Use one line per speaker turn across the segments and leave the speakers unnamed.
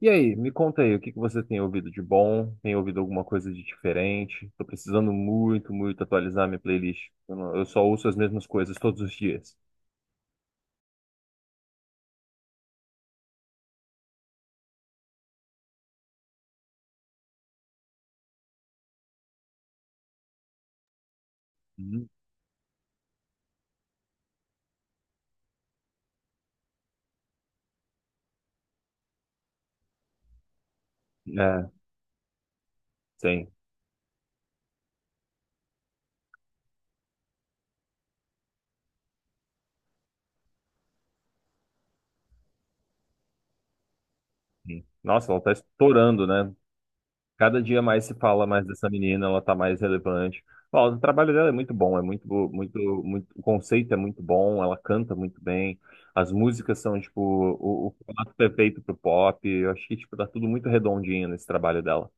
E aí, me conta aí, o que que você tem ouvido de bom? Tem ouvido alguma coisa de diferente? Tô precisando muito, muito atualizar minha playlist. Eu, não- eu só ouço as mesmas coisas todos os dias. Uhum. É, sim, sim. Nossa, ela tá estourando, né? Cada dia mais se fala mais dessa menina, ela tá mais relevante. Ó, o trabalho dela é muito bom, é muito, muito, muito, o conceito é muito bom, ela canta muito bem, as músicas são, tipo, o formato perfeito pro pop. Eu acho que, tipo, tá tudo muito redondinho nesse trabalho dela.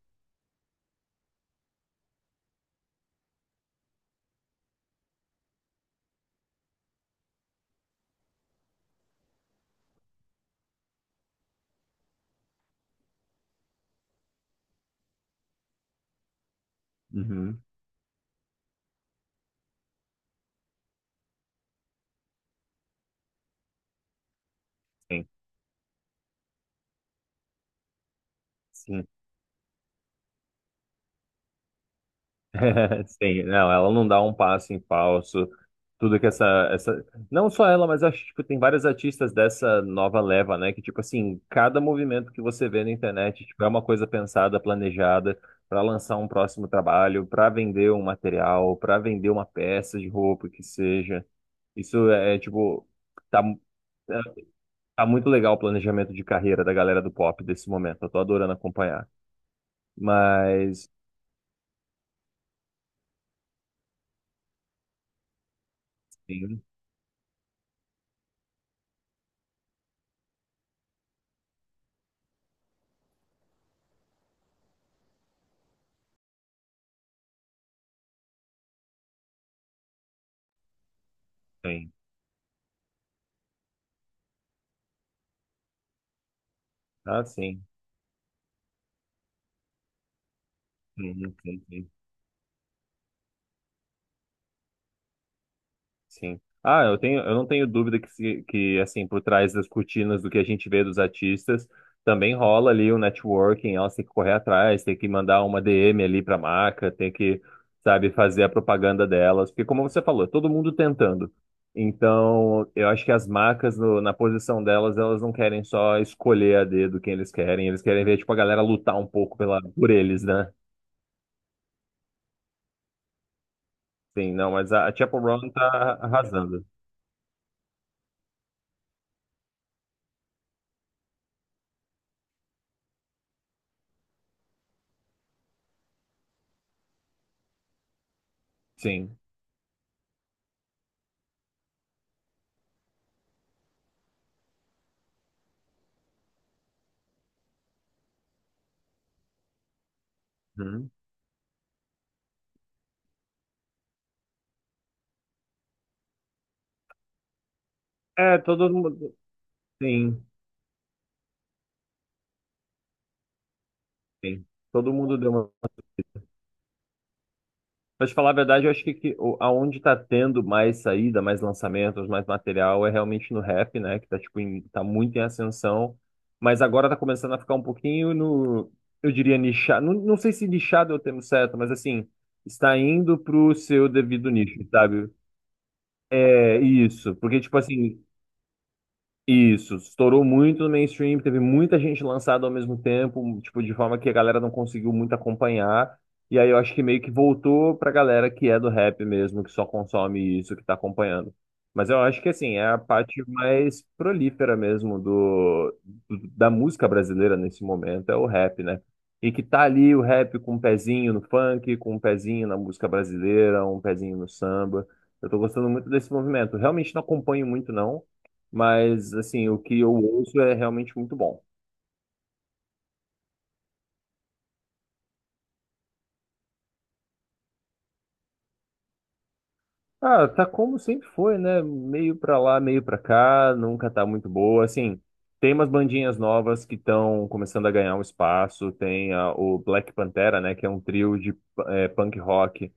Uhum, sim. Sim. Sim, não, ela não dá um passo em falso. Tudo que essa, essa. Não só ela, mas acho que tipo, tem vários artistas dessa nova leva, né? Que, tipo assim, cada movimento que você vê na internet, tipo, é uma coisa pensada, planejada, para lançar um próximo trabalho, para vender um material, para vender uma peça de roupa, que seja. Isso é, tipo, tá, é, tá muito legal o planejamento de carreira da galera do pop desse momento. Eu tô adorando acompanhar. Mas, sim, sim. Ah, sim. Sim, sim, sim. Sim. Ah, eu não tenho dúvida que, que assim, por trás das cortinas do que a gente vê dos artistas, também rola ali o networking, elas têm que correr atrás, tem que mandar uma DM ali para a marca, tem que, sabe, fazer a propaganda delas, porque como você falou, é todo mundo tentando. Então, eu acho que as marcas na posição delas, elas não querem só escolher a dedo quem eles querem ver, tipo, a galera lutar um pouco pela, por eles, né? Sim, não, mas a Chappell Roan tá arrasando. Sim. Uhum. É, todo mundo. Sim, sim. Todo mundo deu uma. Mas falar a verdade, eu acho que aonde tá tendo mais saída, mais lançamentos, mais material, é realmente no rap, né? Que tá, tipo, tá muito em ascensão. Mas agora tá começando a ficar um pouquinho no. Eu diria nichado. Não, não sei se nichado é o termo certo, mas assim, está indo pro seu devido nicho, sabe? É isso. Porque, tipo assim, isso, estourou muito no mainstream, teve muita gente lançada ao mesmo tempo, tipo, de forma que a galera não conseguiu muito acompanhar. E aí eu acho que meio que voltou pra galera que é do rap mesmo, que só consome isso, que tá acompanhando. Mas eu acho que assim, é a parte mais prolífera mesmo da música brasileira nesse momento, é o rap, né? E que tá ali o rap com um pezinho no funk, com um pezinho na música brasileira, um pezinho no samba. Eu tô gostando muito desse movimento. Realmente não acompanho muito, não. Mas, assim, o que eu ouço é realmente muito bom. Ah, tá como sempre foi, né? Meio pra lá, meio pra cá, nunca tá muito boa. Assim, tem umas bandinhas novas que estão começando a ganhar um espaço. Tem o Black Pantera, né? Que é um trio de eh, punk rock.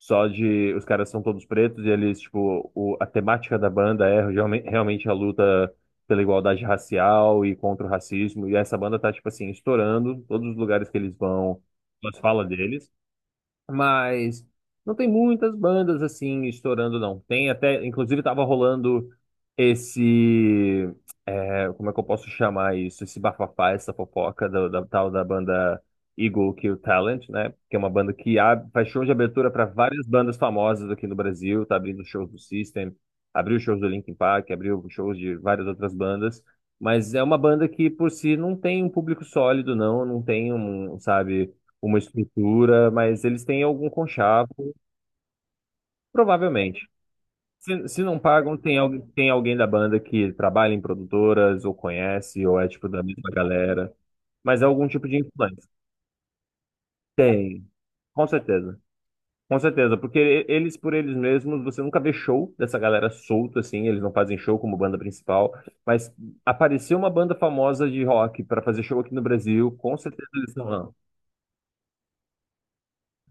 Só de. Os caras são todos pretos e eles, tipo, a temática da banda é realmente a luta pela igualdade racial e contra o racismo. E essa banda tá, tipo assim, estourando. Todos os lugares que eles vão, elas falam deles. Mas não tem muitas bandas assim estourando, não. Tem até, inclusive, tava rolando esse é, como é que eu posso chamar isso? Esse bafafá, essa fofoca da tal da banda Eagle Kill Talent, né? Que é uma banda que abre, faz show de abertura para várias bandas famosas aqui no Brasil, tá abrindo shows do System, abriu shows do Linkin Park, abriu shows de várias outras bandas. Mas é uma banda que, por si, não tem um público sólido, não, não tem um, sabe, uma estrutura, mas eles têm algum conchavo, provavelmente. Se não pagam, tem alguém da banda que trabalha em produtoras, ou conhece, ou é tipo da mesma galera. Mas é algum tipo de influência. Tem, com certeza. Com certeza, porque e- eles por eles mesmos, você nunca vê show dessa galera solto assim, eles não fazem show como banda principal, mas apareceu uma banda famosa de rock para fazer show aqui no Brasil, com certeza eles estão.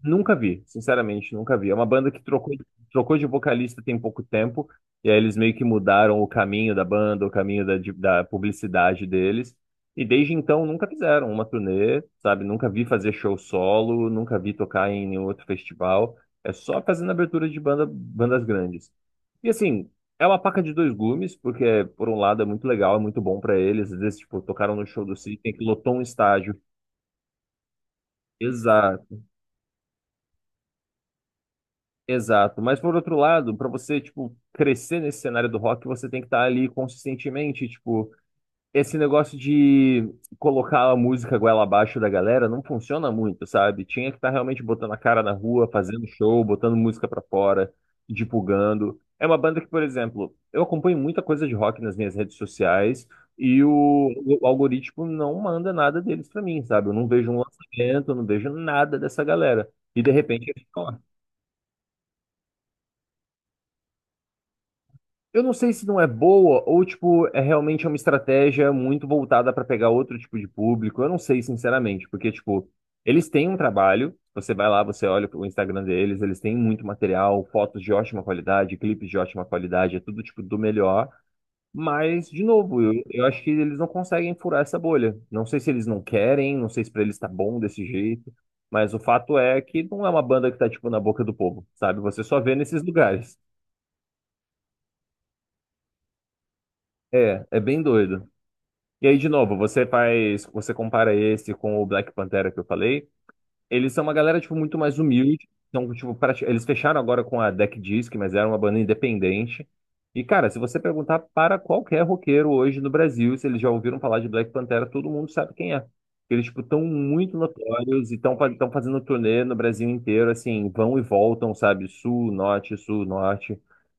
Nunca vi, sinceramente, nunca vi. É uma banda que trocou de vocalista tem pouco tempo, e aí eles meio que mudaram o caminho da banda, o caminho da publicidade deles, e desde então nunca fizeram uma turnê, sabe? Nunca vi fazer show solo, nunca vi tocar em nenhum outro festival, é só fazendo abertura de banda, bandas grandes. E assim, é uma faca de dois gumes, porque por um lado é muito legal, é muito bom pra eles, às vezes, tipo, tocaram no show do System que lotou um estádio. Exato. Exato, mas por outro lado, para você, tipo, crescer nesse cenário do rock, você tem que estar ali consistentemente, tipo, esse negócio de colocar a música goela abaixo da galera não funciona muito, sabe? Tinha que estar realmente botando a cara na rua, fazendo show, botando música pra fora, divulgando. É uma banda que, por exemplo, eu acompanho muita coisa de rock nas minhas redes sociais e o algoritmo não manda nada deles pra mim, sabe? Eu não vejo um lançamento, eu não vejo nada dessa galera. E de repente eles estão. Eu não sei se não é boa ou, tipo, é realmente uma estratégia muito voltada para pegar outro tipo de público. Eu não sei, sinceramente, porque, tipo, eles têm um trabalho. Você vai lá, você olha o Instagram deles, eles têm muito material, fotos de ótima qualidade, clipes de ótima qualidade, é tudo, tipo, do melhor. Mas, de novo, eu acho que eles não conseguem furar essa bolha. Não sei se eles não querem, não sei se pra eles tá bom desse jeito, mas o fato é que não é uma banda que tá, tipo, na boca do povo, sabe? Você só vê nesses lugares. É, é bem doido. E aí, de novo, você faz, você compara esse com o Black Pantera que eu falei. Eles são uma galera, tipo, muito mais humilde. Então, tipo, eles fecharam agora com a Deck Disc, mas era uma banda independente. E, cara, se você perguntar para qualquer roqueiro hoje no Brasil, se eles já ouviram falar de Black Pantera, todo mundo sabe quem é. Eles, tipo, estão muito notórios e estão fazendo turnê no Brasil inteiro, assim, vão e voltam, sabe? Sul, norte, sul, norte.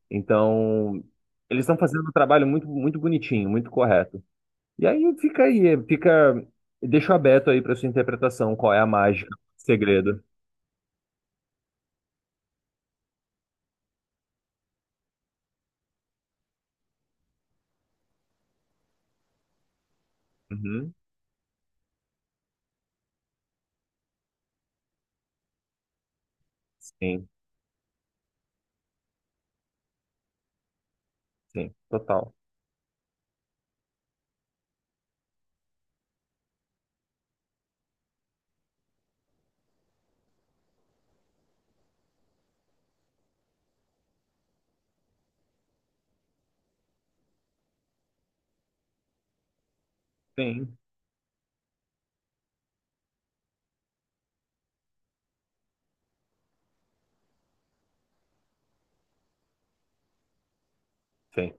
Então, eles estão fazendo um trabalho muito, muito bonitinho, muito correto. E aí fica aí, fica. Deixo aberto aí para sua interpretação, qual é a mágica, o segredo. Uhum. Sim, sim, total. Sim, sim.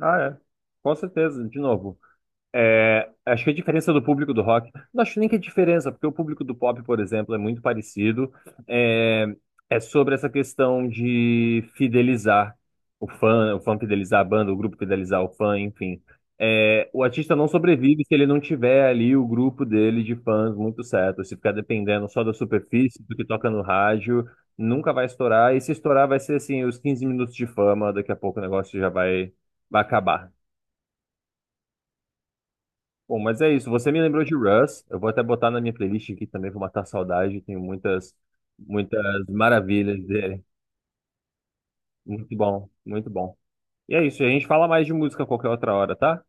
Ah, é. Com certeza, de novo. É, acho que a diferença do público do rock, não acho nem que é diferença, porque o público do pop, por exemplo, é muito parecido. É, é sobre essa questão de fidelizar o fã fidelizar a banda, o grupo fidelizar o fã, enfim. É, o artista não sobrevive se ele não tiver ali o grupo dele de fãs muito certo. Se ficar dependendo só da superfície, do que toca no rádio, nunca vai estourar. E se estourar, vai ser assim, os 15 minutos de fama, daqui a pouco o negócio já vai, vai acabar. Bom, mas é isso. Você me lembrou de Russ. Eu vou até botar na minha playlist aqui também, vou matar a saudade. Tenho muitas, muitas maravilhas dele. Muito bom, muito bom. E é isso. A gente fala mais de música a qualquer outra hora, tá?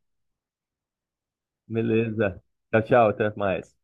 Beleza. Tchau, tchau. Até mais.